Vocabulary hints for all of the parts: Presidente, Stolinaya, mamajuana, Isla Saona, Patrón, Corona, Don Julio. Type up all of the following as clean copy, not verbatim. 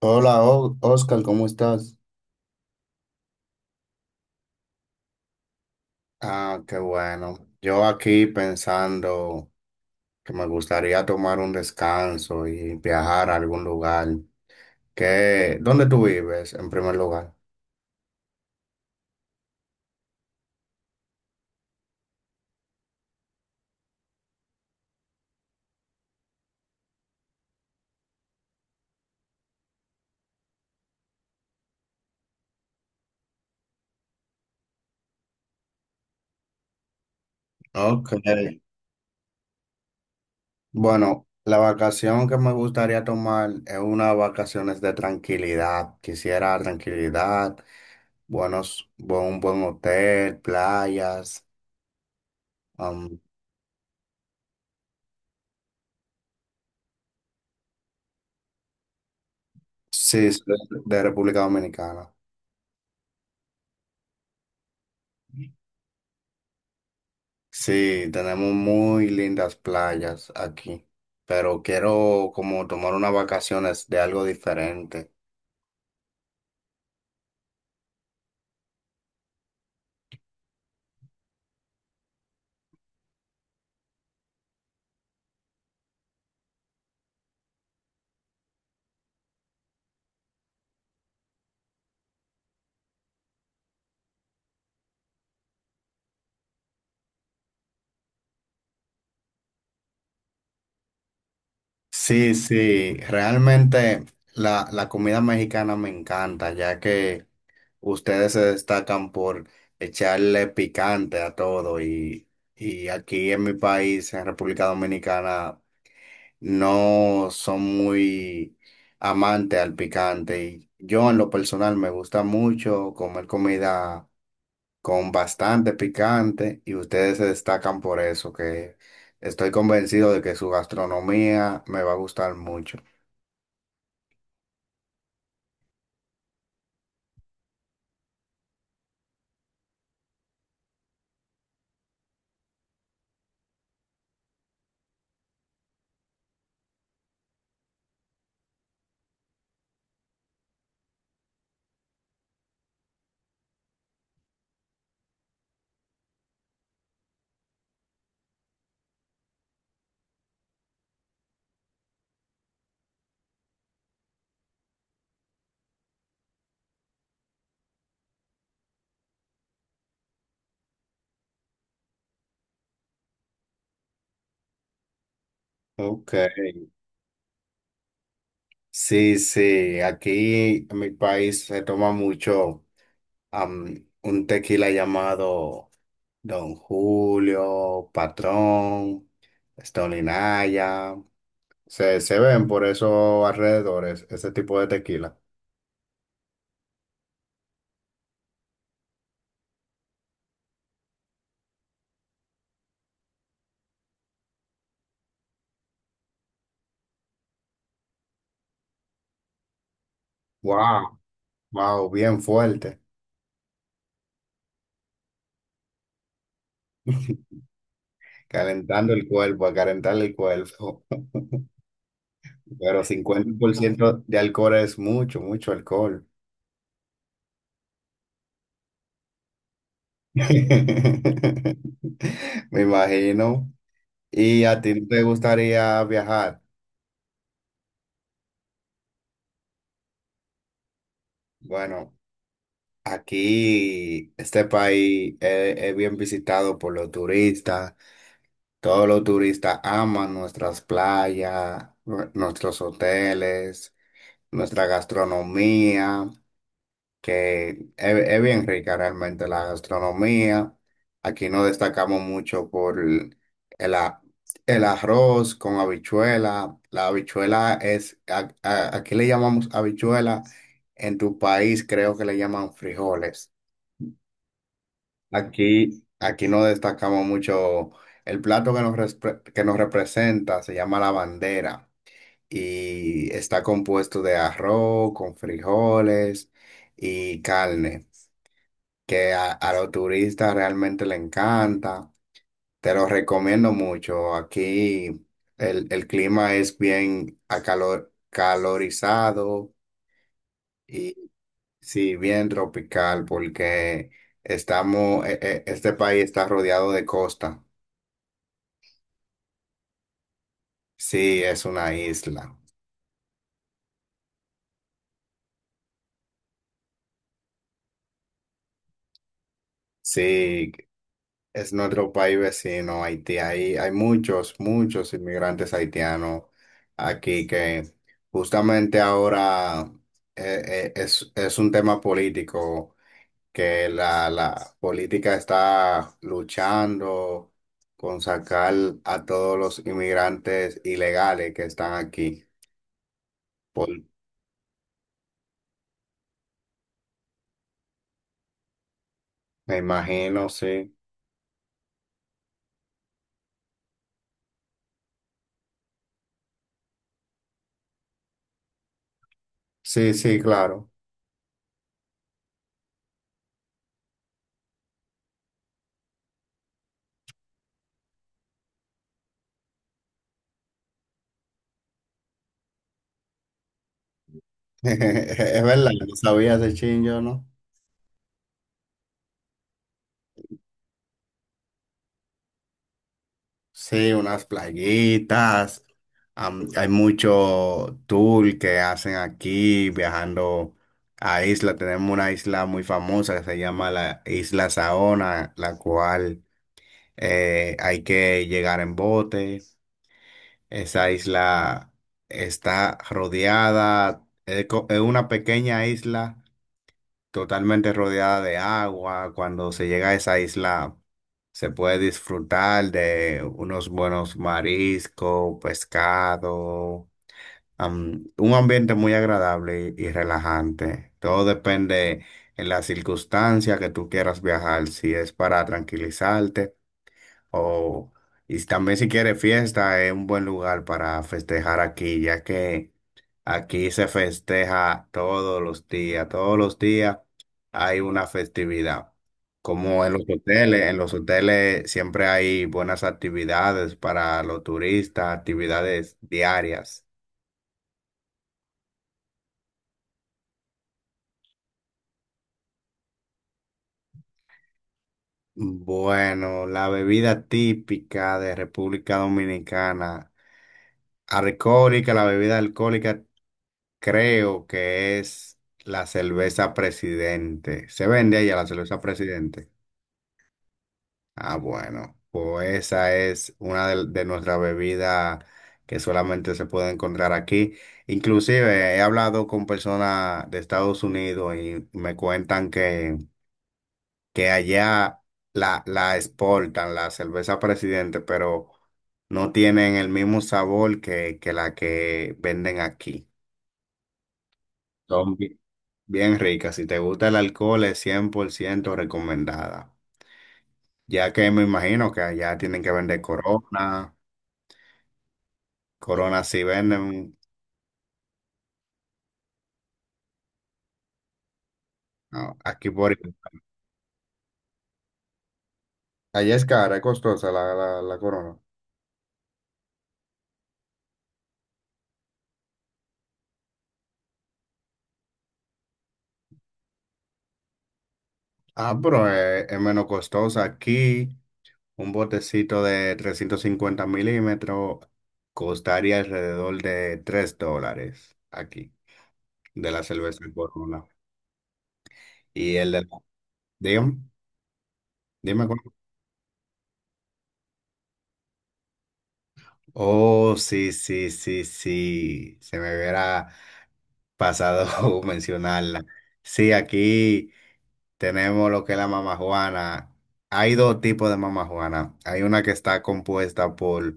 Hola, Oscar, ¿cómo estás? Ah, qué bueno. Yo aquí pensando que me gustaría tomar un descanso y viajar a algún lugar. ¿Qué? ¿Dónde tú vives en primer lugar? Ok. Bueno, la vacación que me gustaría tomar es unas vacaciones de tranquilidad. Quisiera tranquilidad, un buen hotel, playas. am, sí, soy de República Dominicana. Sí, tenemos muy lindas playas aquí, pero quiero como tomar unas vacaciones de algo diferente. Sí, sí, realmente la comida mexicana me encanta, ya que ustedes se destacan por echarle picante a todo y aquí en mi país, en República Dominicana, no son muy amantes al picante. Y yo en lo personal me gusta mucho comer comida con bastante picante y ustedes se destacan por eso, que estoy convencido de que su gastronomía me va a gustar mucho. Ok. Sí, sí, aquí en mi país se toma mucho un tequila llamado Don Julio, Patrón, Stolinaya. Se ven por esos alrededores ese tipo de tequila. Wow, wow, bien fuerte. Calentando el cuerpo, a calentar el cuerpo. Pero 50% de alcohol es mucho, mucho alcohol. Me imagino. ¿Y a ti no te gustaría viajar? Bueno, aquí este país es bien visitado por los turistas. Todos los turistas aman nuestras playas, nuestros hoteles, nuestra gastronomía. Que es bien rica realmente la gastronomía. Aquí no destacamos mucho por el a- el arroz con habichuela. La habichuela es, aquí le llamamos habichuela, en tu país creo que le llaman frijoles. Aquí, aquí no destacamos mucho. El plato que nos, que nos representa se llama la bandera y está compuesto de arroz con frijoles y carne que a los turistas realmente le encanta. Te lo recomiendo mucho. Aquí el clima es bien acalor, calorizado y sí, bien tropical porque este país está rodeado de costa. Sí, es una isla. Sí, es nuestro país vecino, Haití. Hay muchos, muchos inmigrantes haitianos aquí que justamente ahora es un tema político, que la política está luchando con sacar a todos los inmigrantes ilegales que están aquí. Por, me imagino, sí. Sí, sí, claro. Es verdad, no sabía ese chingo, ¿no? Sí, unas playitas. Hay mucho tour que hacen aquí viajando a isla. Tenemos una isla muy famosa que se llama la Isla Saona, la cual hay que llegar en bote. Esa isla está rodeada, es es una pequeña isla totalmente rodeada de agua. Cuando se llega a esa isla, se puede disfrutar de unos buenos mariscos, pescado, un ambiente muy agradable y relajante. Todo depende en la circunstancia que tú quieras viajar, si es para tranquilizarte. Oh, y también si quiere fiesta, es un buen lugar para festejar aquí, ya que aquí se festeja todos los días hay una festividad. Como en los hoteles siempre hay buenas actividades para los turistas, actividades diarias. Bueno, la bebida típica de República Dominicana, alcohólica, la bebida alcohólica creo que es la cerveza Presidente. ¿Se vende allá la cerveza Presidente? Ah, bueno, pues esa es una de nuestras bebidas que solamente se puede encontrar aquí. Inclusive he hablado con personas de Estados Unidos y me cuentan que allá la exportan, la cerveza Presidente, pero no tienen el mismo sabor que la que venden aquí. Son bien ricas. Si te gusta el alcohol, es 100% recomendada. Ya que me imagino que allá tienen que vender Corona. Corona sí venden. No, aquí por... Allá es cara, es costosa la Corona. Ah, pero es menos costosa. Aquí un botecito de 350 mm costaría alrededor de $3 aquí, de la cerveza Corona. Y el de... Dígame, dime. Oh, sí, sí, sí, sí. Se me hubiera pasado mencionarla. Sí, aquí tenemos lo que es la mamajuana. Hay dos tipos de mamajuana. Hay una que está compuesta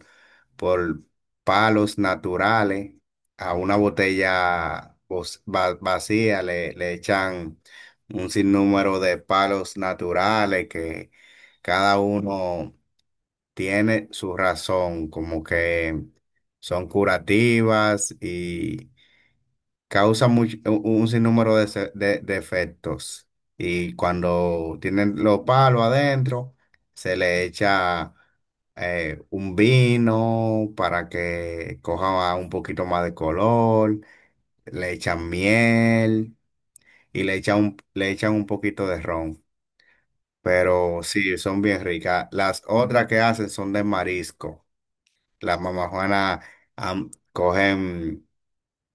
por palos naturales. A una botella vacía le echan un sinnúmero de palos naturales que cada uno tiene su razón, como que son curativas y causan un sinnúmero de efectos. Y cuando tienen los palos adentro, se le echa un vino para que coja un poquito más de color, le echan miel y le echan un poquito de ron. Pero sí, son bien ricas. Las otras que hacen son de marisco. Las mamás Juanas cogen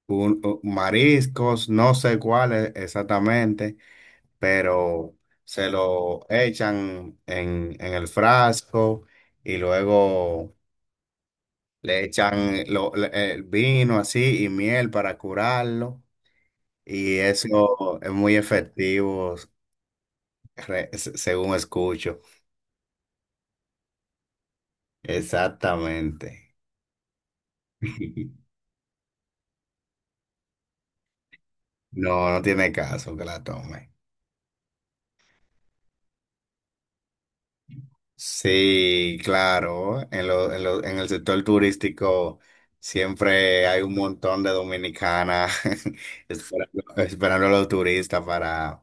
mariscos, no sé cuáles exactamente, pero se lo echan en el frasco y luego le echan lo- le- el vino así y miel para curarlo. Y eso es muy efectivo, según escucho. Exactamente. No, no tiene caso que la tome. Sí, claro, en el sector turístico siempre hay un montón de dominicanas esperando, esperando a los turistas para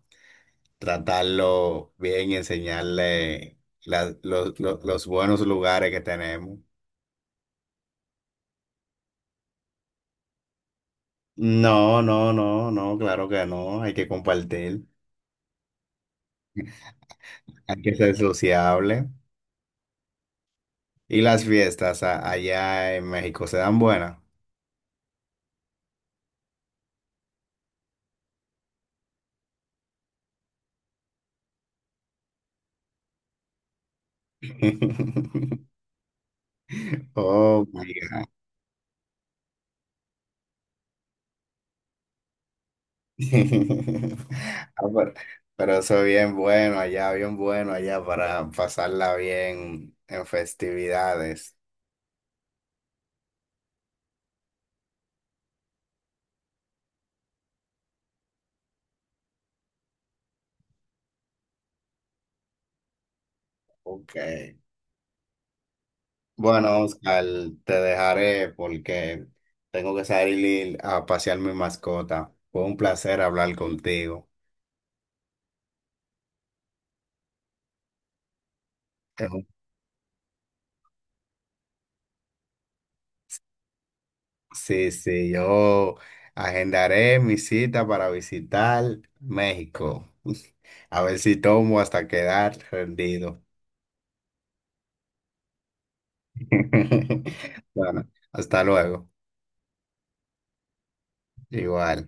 tratarlo bien y enseñarle los buenos lugares que tenemos. No, no, no, no, claro que no, hay que compartir, hay que ser sociable. Y las fiestas allá en México se dan buenas. Oh, Ah, pero eso bien bueno allá para pasarla bien en festividades. Ok. Bueno, Oscar, te dejaré porque tengo que salir a pasear mi mascota. Fue un placer hablar contigo. Es un- Sí, sí, yo agendaré mi cita para visitar México. A ver si tomo hasta quedar rendido. Bueno, hasta luego. Igual.